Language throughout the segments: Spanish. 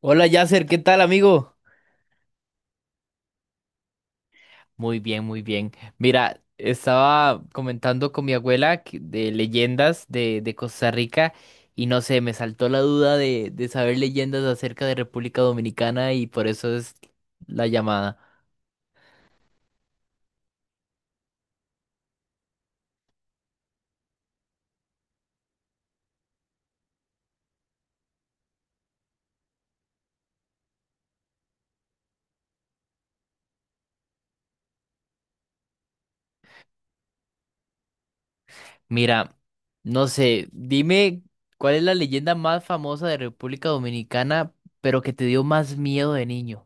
Hola Yasser, ¿qué tal amigo? Muy bien, muy bien. Mira, estaba comentando con mi abuela de leyendas de Costa Rica y no sé, me saltó la duda de saber leyendas acerca de República Dominicana y por eso es la llamada. Mira, no sé, dime cuál es la leyenda más famosa de República Dominicana, pero que te dio más miedo de niño.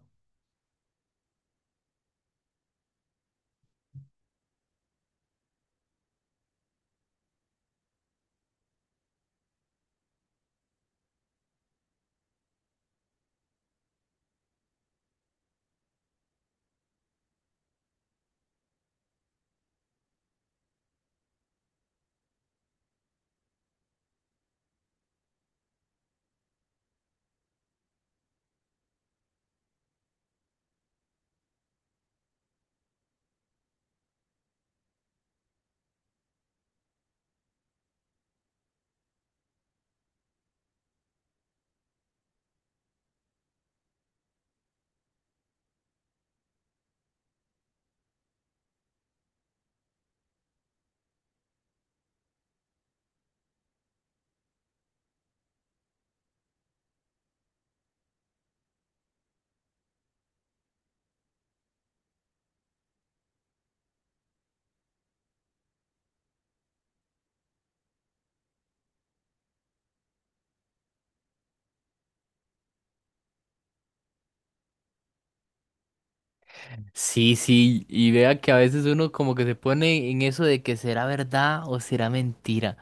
Sí, sí, y vea que a veces uno como que se pone en eso de que será verdad o será mentira.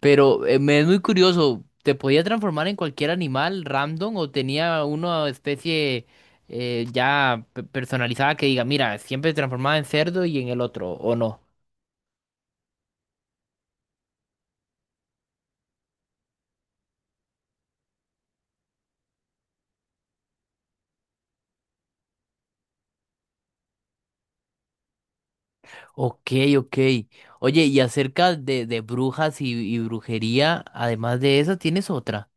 Pero me es muy curioso, ¿te podía transformar en cualquier animal random o tenía una especie ya personalizada que diga, mira, siempre transformada en cerdo y en el otro, ¿o no? Ok, ok. Oye, y acerca de brujas y brujería, además de eso, ¿tienes otra?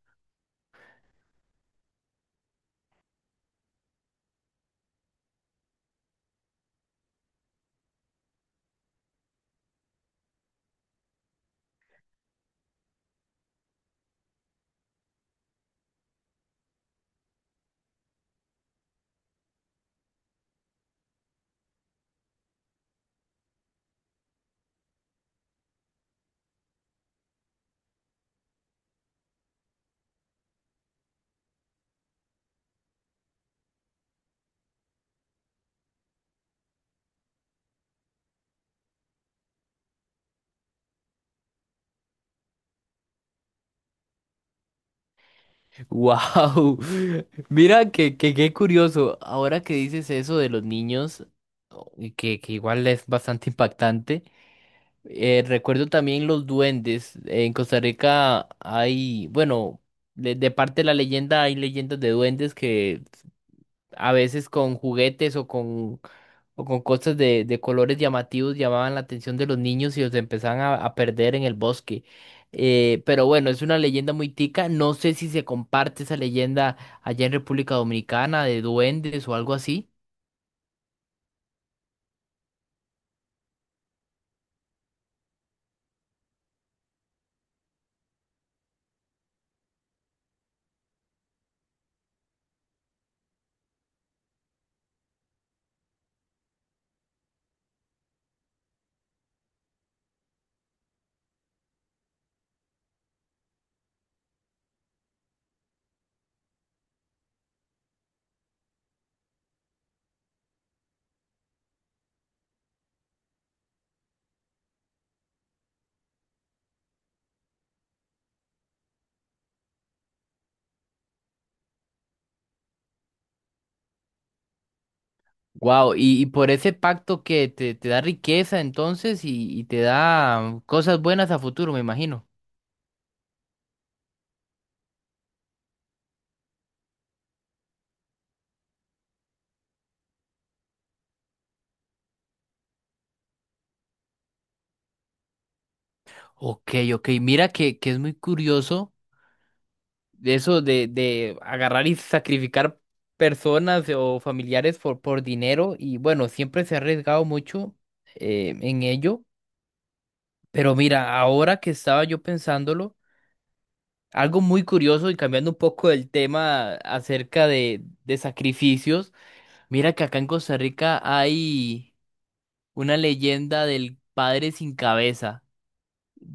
¡Wow! Mira que qué curioso. Ahora que dices eso de los niños, y que igual es bastante impactante. Recuerdo también los duendes. En Costa Rica hay, bueno, de parte de la leyenda hay leyendas de duendes que a veces con juguetes o con cosas de colores llamativos llamaban la atención de los niños y los empezaban a perder en el bosque. Pero bueno, es una leyenda muy tica. No sé si se comparte esa leyenda allá en República Dominicana de duendes o algo así. Wow, y por ese pacto que te da riqueza entonces y te da cosas buenas a futuro, me imagino. Ok, ok, mira que es muy curioso de eso de agarrar y sacrificar personas o familiares por dinero y bueno, siempre se ha arriesgado mucho en ello, pero mira, ahora que estaba yo pensándolo, algo muy curioso y cambiando un poco el tema acerca de sacrificios, mira que acá en Costa Rica hay una leyenda del padre sin cabeza.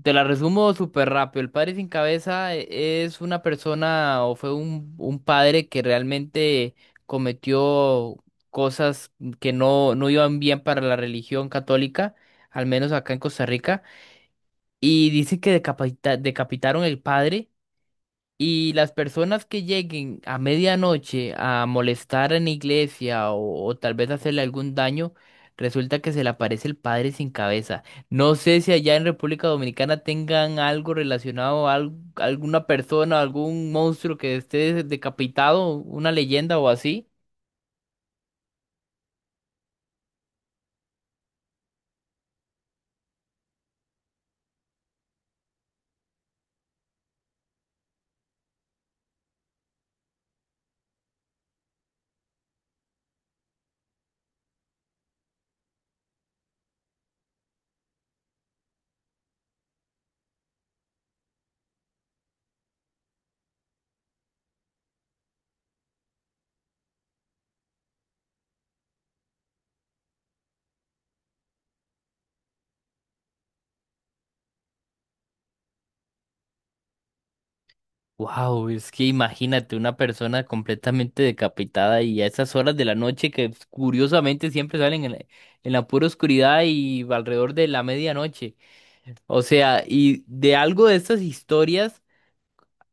Te la resumo súper rápido. El padre sin cabeza es una persona o fue un padre que realmente cometió cosas que no, no iban bien para la religión católica, al menos acá en Costa Rica. Y dicen que decapitaron el padre y las personas que lleguen a medianoche a molestar en la iglesia o tal vez hacerle algún daño, resulta que se le aparece el padre sin cabeza. No sé si allá en República Dominicana tengan algo relacionado a alguna persona, algún monstruo que esté decapitado, una leyenda o así. Wow, es que imagínate una persona completamente decapitada y a esas horas de la noche que curiosamente siempre salen en la pura oscuridad y alrededor de la medianoche. O sea, y de algo de estas historias,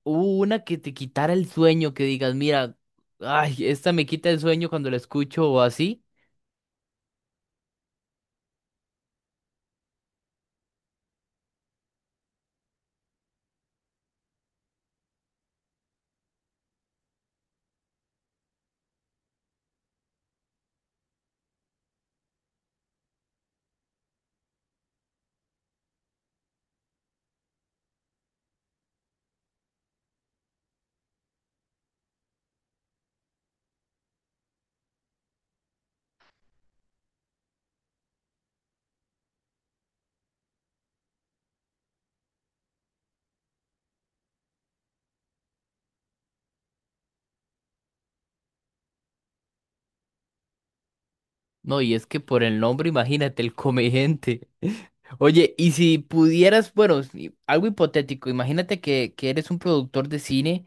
hubo una que te quitara el sueño, que digas, mira, ay, esta me quita el sueño cuando la escucho o así. No, y es que por el nombre, imagínate, el comediante. Oye, y si pudieras, bueno, algo hipotético, imagínate que eres un productor de cine.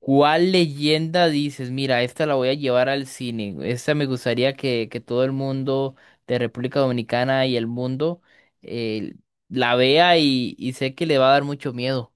¿Cuál leyenda dices? Mira, esta la voy a llevar al cine. Esta me gustaría que todo el mundo de República Dominicana y el mundo eh, la vea y sé que le va a dar mucho miedo.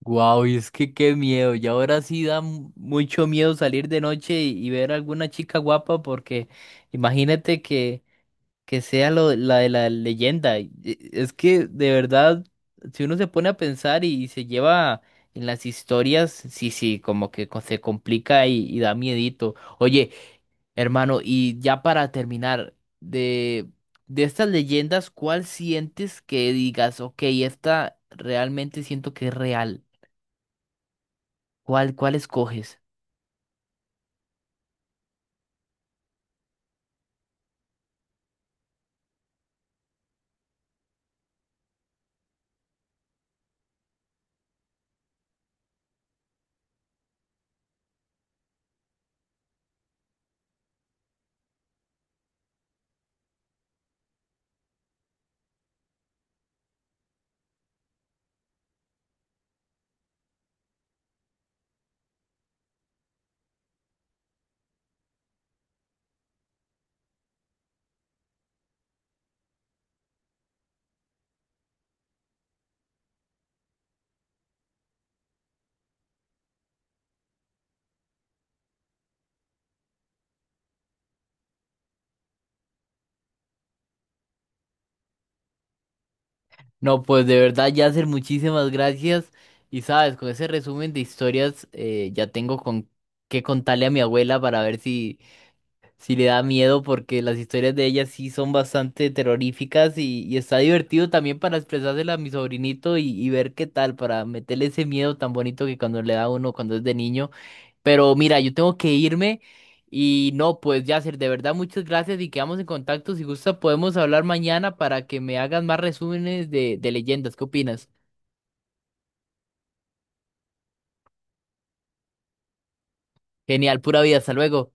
Guau, y es que qué miedo. Y ahora sí da mucho miedo salir de noche y ver a alguna chica guapa porque imagínate que sea lo, la de la leyenda. Es que de verdad, si uno se pone a pensar y, se lleva en las historias, sí, sí, como que se complica y da miedito. Oye, hermano, y ya para terminar, de estas leyendas, ¿cuál sientes que digas, ok, esta realmente siento que es real? ¿Cuál, cuál escoges? No, pues de verdad, Yasser, muchísimas gracias. Y sabes, con ese resumen de historias ya tengo con qué contarle a mi abuela para ver si sí le da miedo, porque las historias de ella sí son bastante terroríficas y está divertido también para expresársela a mi sobrinito y ver qué tal, para meterle ese miedo tan bonito que cuando le da a uno cuando es de niño. Pero mira, yo tengo que irme y no, pues Yasser, de verdad muchas gracias y quedamos en contacto. Si gusta podemos hablar mañana para que me hagas más resúmenes de leyendas. ¿Qué opinas? Genial, pura vida, hasta luego.